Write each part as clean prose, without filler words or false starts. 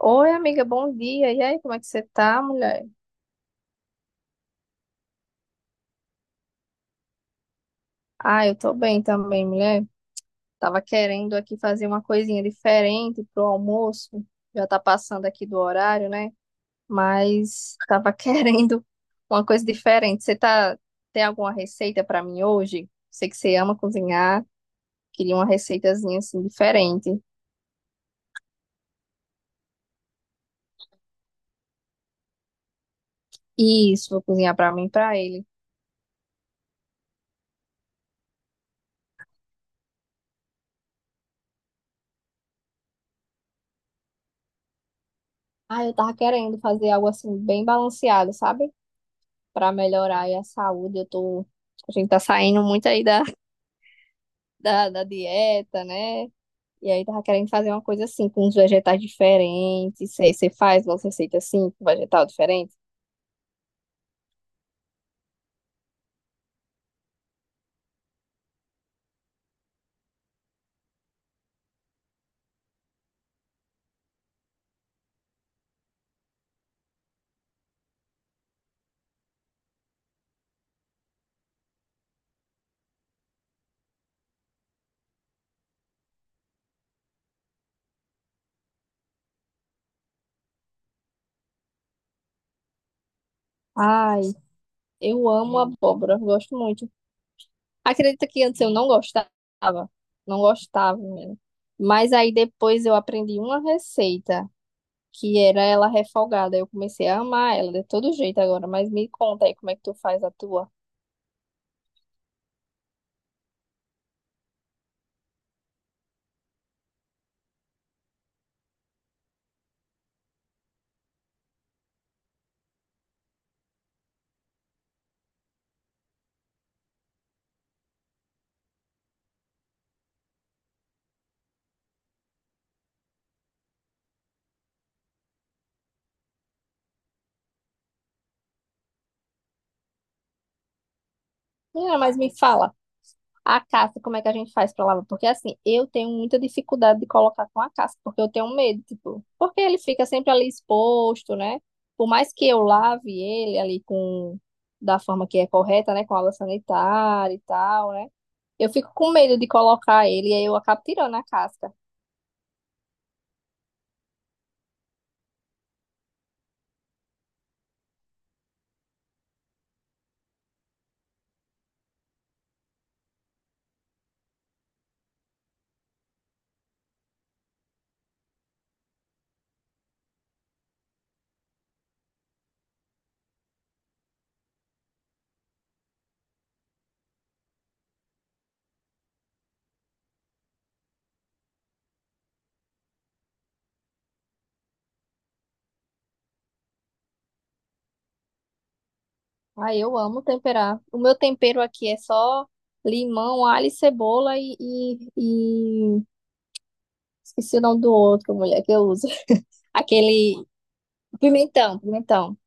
Oi, amiga, bom dia. E aí, como é que você tá, mulher? Ah, eu tô bem também, mulher. Tava querendo aqui fazer uma coisinha diferente pro almoço. Já tá passando aqui do horário, né? Mas tava querendo uma coisa diferente. Você tá Tem alguma receita pra mim hoje? Sei que você ama cozinhar. Queria uma receitazinha assim diferente. Isso, vou cozinhar pra mim e pra ele. Ah, eu tava querendo fazer algo assim bem balanceado, sabe? Para melhorar aí a saúde. A gente tá saindo muito aí da dieta, né? E aí tava querendo fazer uma coisa assim, com uns vegetais diferentes. Sei, você faz uma receita assim, com vegetal diferente? Ai, eu amo abóbora, gosto muito. Acredita que antes eu não gostava, não gostava mesmo. Mas aí depois eu aprendi uma receita, que era ela refogada. Eu comecei a amar ela de todo jeito agora, mas me conta aí como é que tu faz a tua. Menina, mas me fala. A casca, como é que a gente faz pra lavar? Porque assim, eu tenho muita dificuldade de colocar com a casca, porque eu tenho medo, tipo, porque ele fica sempre ali exposto, né? Por mais que eu lave ele ali com da forma que é correta, né, com água sanitária e tal, né? Eu fico com medo de colocar ele e aí eu acabo tirando a casca. Aí eu amo temperar. O meu tempero aqui é só limão, alho e cebola e... esqueci o nome do outro, mulher, que eu uso. Aquele pimentão, pimentão.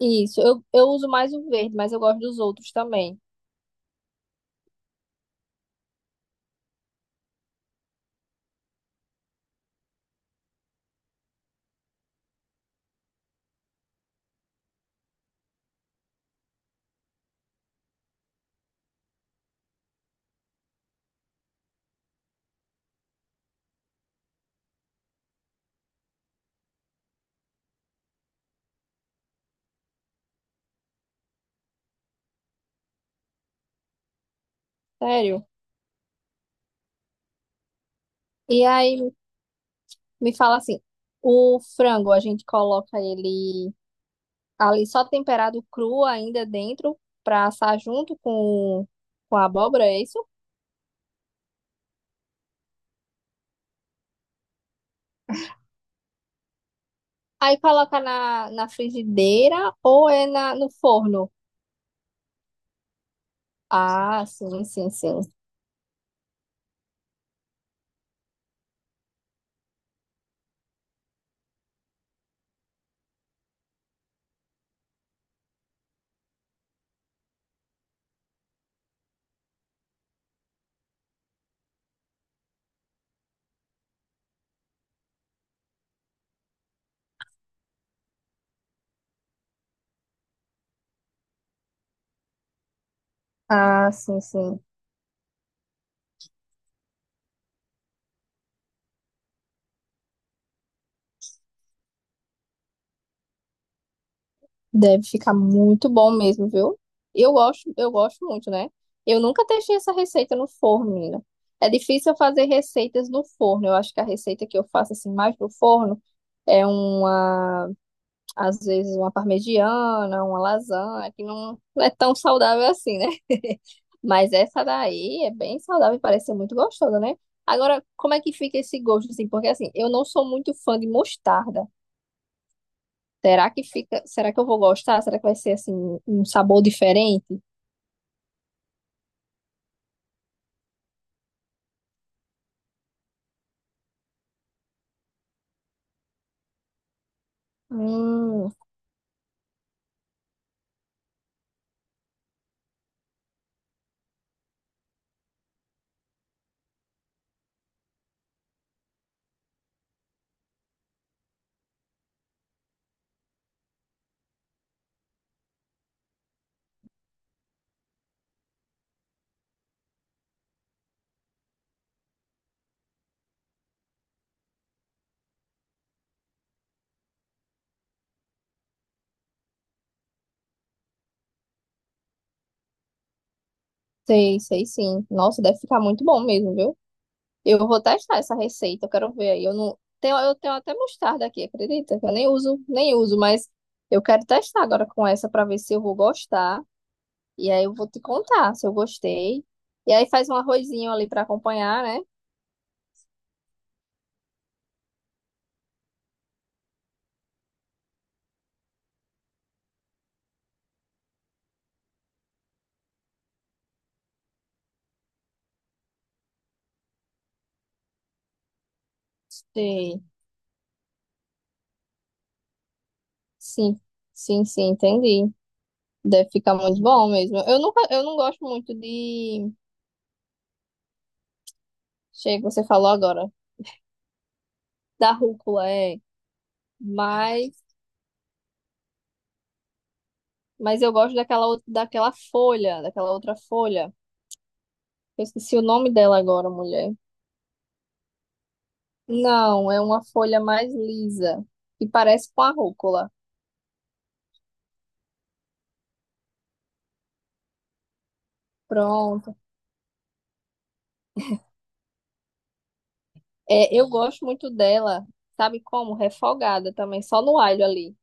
Isso, eu uso mais o verde, mas eu gosto dos outros também. Sério. E aí me fala assim, o frango a gente coloca ele ali só temperado cru ainda dentro para assar junto com a abóbora, é isso? Aí coloca na frigideira ou é na, no forno? Ah, sim, sim, sim. Ah, sim, sim. Deve ficar muito bom mesmo, viu? Eu gosto muito, né? Eu nunca testei essa receita no forno, menina. É difícil eu fazer receitas no forno. Eu acho que a receita que eu faço assim mais no forno é uma, às vezes uma parmegiana, uma lasanha, que não, não é tão saudável assim, né? Mas essa daí é bem saudável e parece ser muito gostosa, né? Agora, como é que fica esse gosto assim? Porque assim, eu não sou muito fã de mostarda. Será que fica, será que eu vou gostar? Será que vai ser assim um sabor diferente? Hum, sei, sei sim. Nossa, deve ficar muito bom mesmo, viu? Eu vou testar essa receita, eu quero ver aí. Eu não tenho, Eu tenho até mostarda aqui, acredita? Eu nem uso, nem uso, mas eu quero testar agora com essa pra ver se eu vou gostar. E aí eu vou te contar se eu gostei. E aí faz um arrozinho ali pra acompanhar, né? Sei. Sim, sim, sim, entendi. Deve ficar muito bom mesmo. Eu não gosto muito de Chega, você falou agora. Da rúcula, é. Mas, mas eu gosto daquela, outra- daquela folha, daquela outra folha. Eu esqueci o nome dela agora, mulher. Não, é uma folha mais lisa, que parece com a rúcula. Pronto. É, eu gosto muito dela, sabe como? Refogada também, só no alho ali.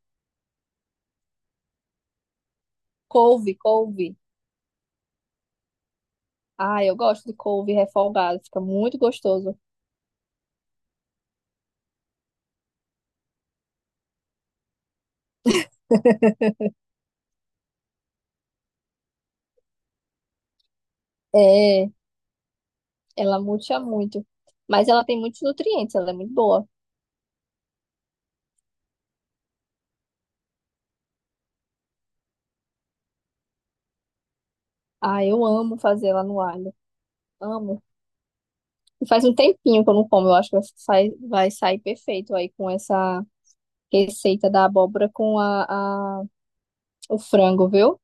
Couve, couve. Ah, eu gosto de couve refogada, fica muito gostoso. É, ela murcha muito. Mas ela tem muitos nutrientes, ela é muito boa. Ah, eu amo fazer ela no alho. Amo. E faz um tempinho que eu não como. Eu acho que vai sair perfeito aí com essa receita da abóbora com a- o frango, viu?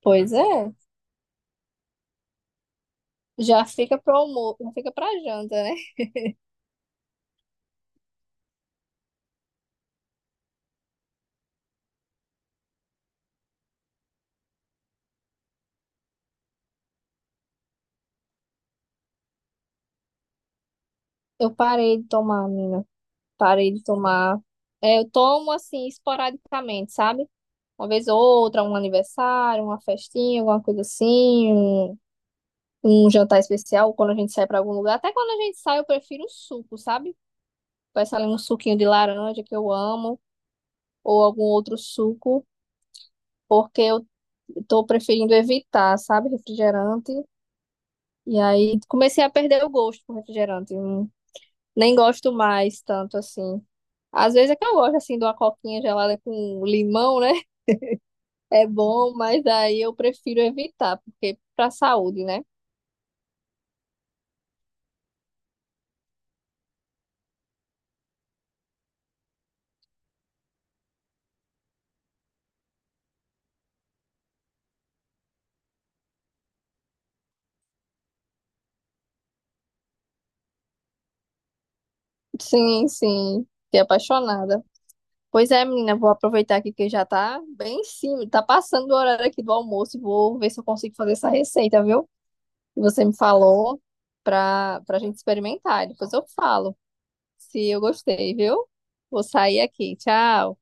Pois é. Já fica pro almoço, não fica pra janta, né? Eu parei de tomar, menina. Parei de tomar. É, eu tomo assim, esporadicamente, sabe? Uma vez ou outra, um aniversário, uma festinha, alguma coisa assim, um jantar especial, quando a gente sai pra algum lugar. Até quando a gente sai, eu prefiro o suco, sabe? Peço ali um suquinho de laranja que eu amo. Ou algum outro suco, porque eu tô preferindo evitar, sabe, refrigerante. E aí comecei a perder o gosto com refrigerante. Não- Nem gosto mais tanto assim. Às vezes é que eu gosto assim de uma coquinha gelada com limão, né? É bom, mas daí eu prefiro evitar, porque pra saúde, né? Sim, sim. Fiquei apaixonada. Pois é, menina, vou aproveitar aqui que já tá bem em cima, tá passando o horário aqui do almoço e vou ver se eu consigo fazer essa receita, viu? Que você me falou para a gente experimentar. Depois eu falo se eu gostei, viu? Vou sair aqui. Tchau.